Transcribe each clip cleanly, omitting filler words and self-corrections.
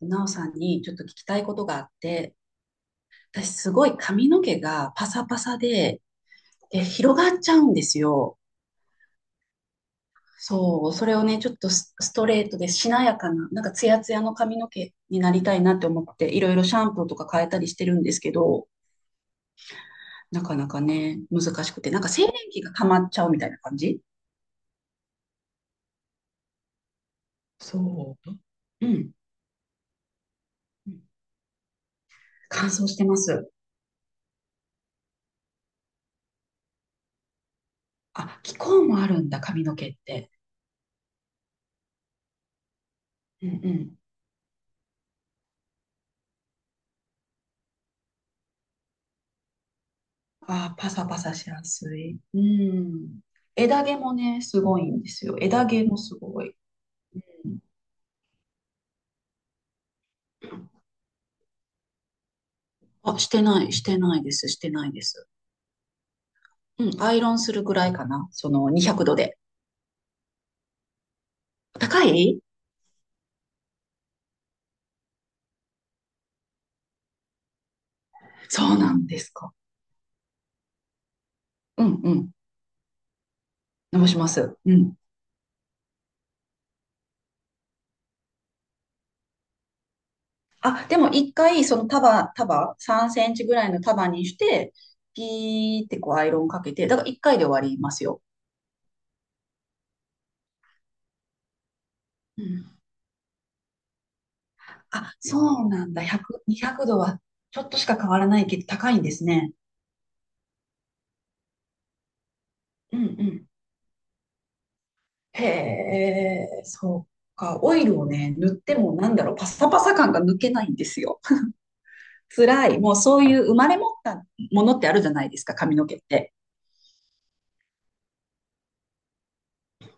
なおさんにちょっと聞きたいことがあって、私すごい髪の毛がパサパサで、で広がっちゃうんですよ。そう、それをね、ちょっとストレートでしなやかな、なんかツヤツヤの髪の毛になりたいなって思って、いろいろシャンプーとか変えたりしてるんですけど、なかなかね、難しくて、なんか静電気が溜まっちゃうみたいな感じ。そう。うん。乾燥してます。あ、気候もあるんだ、髪の毛って。うんうん。ああ、パサパサしやすい。うん。枝毛もね、すごいんですよ。枝毛もすごい。あ、してない、してないです、してないです。うん、アイロンするぐらいかな。その200度で。高い。そうなんですか。うんうん。伸ばします。うん。あ、でも一回、その3センチぐらいの束にして、ピーってこうアイロンかけて、だから一回で終わりますよ。うん。あ、そうなんだ。100、200度はちょっとしか変わらないけど高いんですね。うんうん。へえ、そうか。オイルをね、塗ってもなんだろう、パサパサ感が抜けないんですよ。辛い。もうそういう生まれ持ったものってあるじゃないですか、髪の毛って。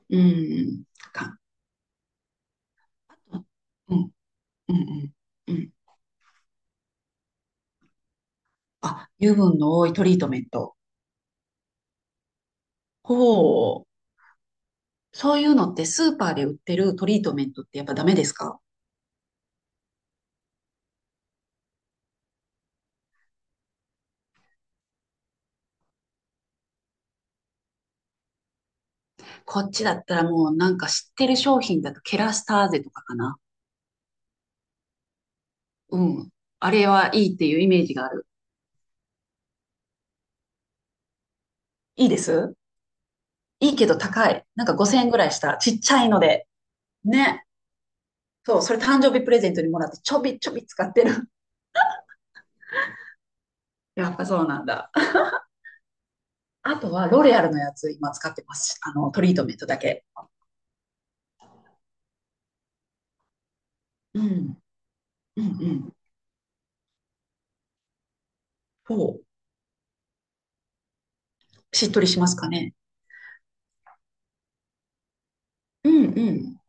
うん。か、うん、うん、うん。うん、あ、油分の多いトリートメント。ほう。そういうのってスーパーで売ってるトリートメントってやっぱダメですか？こっちだったらもうなんか知ってる商品だとケラスターゼとかかな。うん。あれはいいっていうイメージがある。いいです。いいけど高い。なんか5000円ぐらいした。ちっちゃいので。ね。そう、それ誕生日プレゼントにもらってちょびちょび使ってる。やっぱそうなんだ。あとはロレアルのやつ今使ってます。あの、トリートメントだけ。うん。うんうん。そう。しっとりしますかね。うんうん。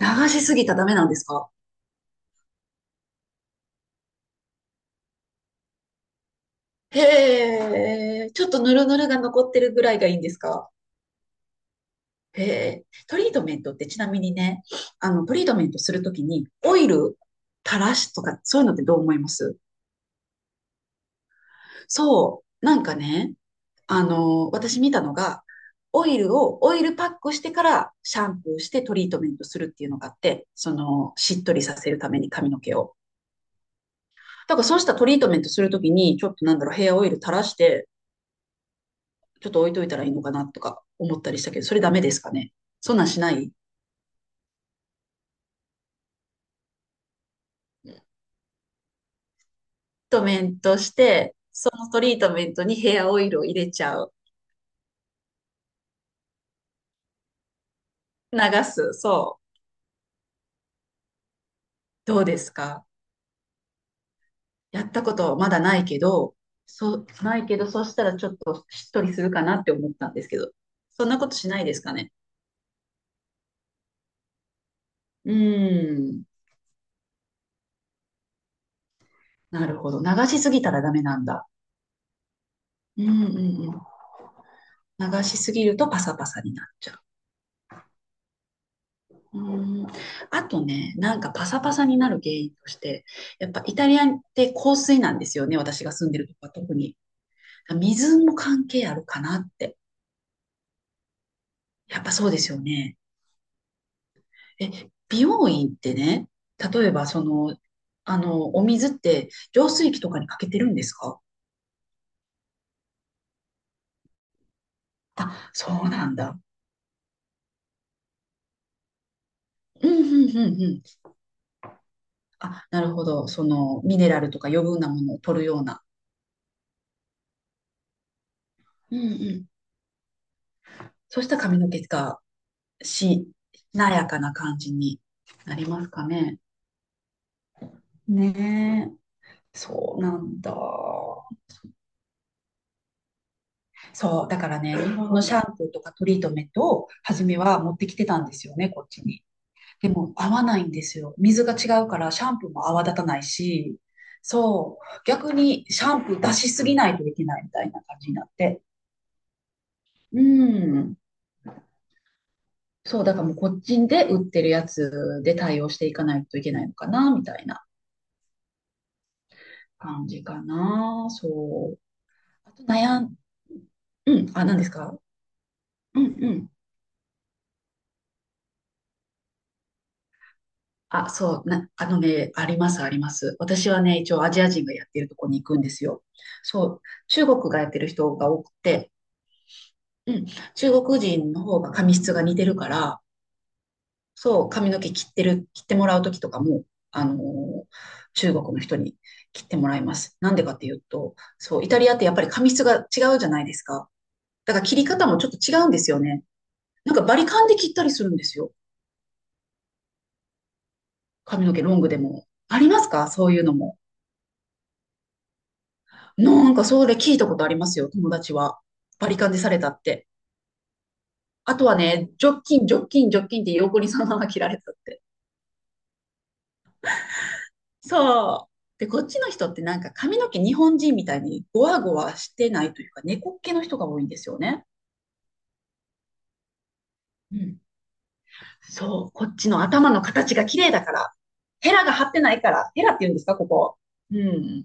流しすぎたらダメなんですか？へえ。ちょっとヌルヌルが残ってるぐらいがいいんですか？へえ。トリートメントってちなみにね、あの、トリートメントするときにオイル垂らしとか、そういうのってどう思います？そう、なんかね、あの、私見たのが、オイルを、オイルパックしてからシャンプーしてトリートメントするっていうのがあって、その、しっとりさせるために髪の毛を。だからそうしたトリートメントするときに、ちょっとなんだろう、ヘアオイル垂らして、ちょっと置いといたらいいのかなとか思ったりしたけど、それダメですかね。そんなんしないトリートメントして、そのトリートメントにヘアオイルを入れちゃう。流す。そう。どうですか？やったことまだないけど、そう、ないけど、そしたらちょっとしっとりするかなって思ったんですけど、そんなことしないですかね。うーん、なるほど。流しすぎたらダメなんだ。うんうんうん。流しすぎるとパサパサになっちゃう。うーん。あとね、なんかパサパサになる原因として、やっぱイタリアって香水なんですよね。私が住んでるとこは特に。水も関係あるかなって。やっぱそうですよね。え、美容院ってね、例えばその、あの、お水って浄水器とかにかけてるんですか？あ、そうなんだ。うん、うん、うん、うん。あ、なるほど。その、ミネラルとか余分なものを取るような。うん、うん。そうしたら髪の毛がし、なやかな感じになりますかね。ねえ。そうなんだ。そう。だからね、日本のシャンプーとかトリートメントを初めは持ってきてたんですよね、こっちに。でも合わないんですよ。水が違うからシャンプーも泡立たないし、そう、逆にシャンプー出しすぎないといけないみたいな感じになって。うん。そう、だからもうこっちで売ってるやつで対応していかないといけないのかな、みたいな感じかな。そう。あと悩ん、うん、あ、何ですか？うんうん。あ、そう、な、あのね、あります、あります。私はね、一応アジア人がやってるとこに行くんですよ。そう、中国がやってる人が多くて、うん、中国人の方が髪質が似てるから、そう、髪の毛切ってる、切ってもらう時とかも、あのー中国の人に切ってもらいます。なんでかっていうと、そう、イタリアってやっぱり髪質が違うじゃないですか。だから切り方もちょっと違うんですよね。なんかバリカンで切ったりするんですよ。髪の毛ロングでも。ありますかそういうのも。なんかそれ聞いたことありますよ、友達は。バリカンでされたって。あとはね、ジョッキンって横にそのまま切られたって。そう。で、こっちの人ってなんか髪の毛日本人みたいにゴワゴワしてないというか、猫っ毛の人が多いんですよね。うん。そう。こっちの頭の形が綺麗だから。ヘラが張ってないから。ヘラって言うんですか、ここ。うん。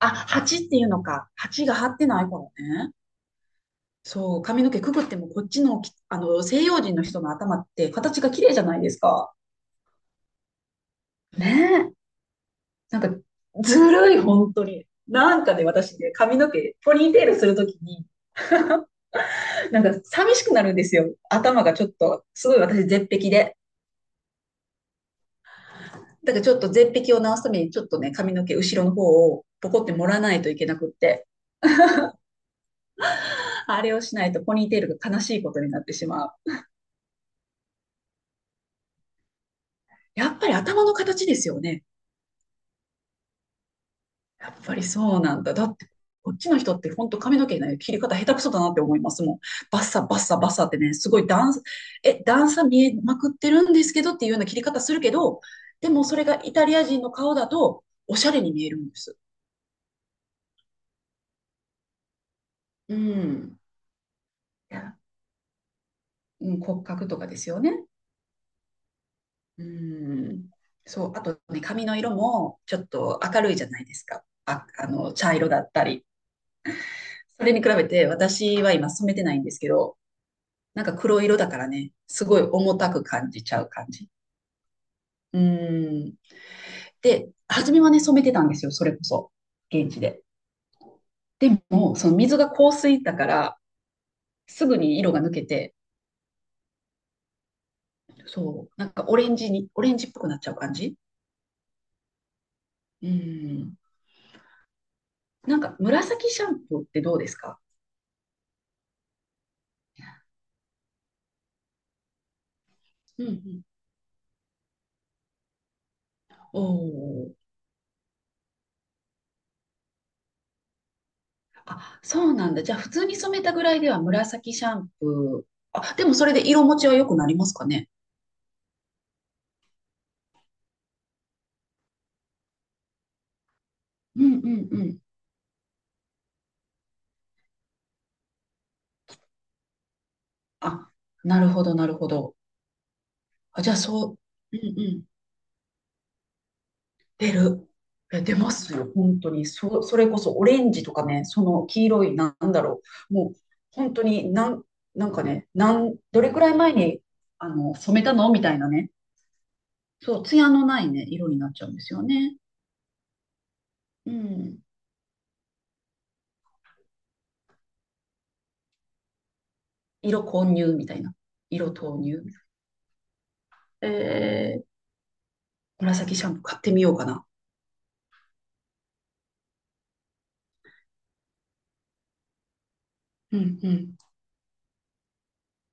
あ、鉢っていうのか。鉢が張ってないからね。そう。髪の毛くくってもこっちのき、あの、西洋人の人の頭って形が綺麗じゃないですか。ねえ。なんか、ずるい、本当に。なんかね、私ね、髪の毛、ポニーテールするときに、なんか寂しくなるんですよ。頭がちょっと、すごい私絶壁で。だからちょっと絶壁を直すために、ちょっとね、髪の毛後ろの方をポコって盛らないといけなくって、あれをしないとポニーテールが悲しいことになってしまう。やっぱり頭の形ですよね。やっぱりそうなんだ。だって、こっちの人って本当髪の毛の切り方下手くそだなって思いますもん。バッサバッサバッサってね、すごい段差、え、段差見えまくってるんですけどっていうような切り方するけど、でもそれがイタリア人の顔だとおしゃれに見えるんです。うん。いや、うん、骨格とかですよね。うん。そう、あとね、髪の色もちょっと明るいじゃないですか。あ、あの、茶色だったり。それに比べて私は今染めてないんですけど、なんか黒色だからね、すごい重たく感じちゃう感じ。うん。で、初めはね、染めてたんですよ、それこそ。現地で。でも、その水が香水だから、すぐに色が抜けて、そう、なんかオレンジに、オレンジっぽくなっちゃう感じ。うん。なんか紫シャンプーってどうですか？うんうん。おおー。あ、そうなんだ。じゃあ普通に染めたぐらいでは紫シャンプー。あ、でもそれで色持ちは良くなりますかね？うんうんうん。あ、なるほど、なるほど。あ、じゃあそう、うんうん。出る。いや出ますよ、本当に。そ、それこそオレンジとかね、その黄色い、なんだろう。もう、本当になん、なんかね、なん、どれくらい前に、あの、染めたのみたいなね。そう、ツヤのないね、色になっちゃうんですよね。うん。色混入みたいな。色投入。えー、紫シャンプー買ってみようかな。うんうん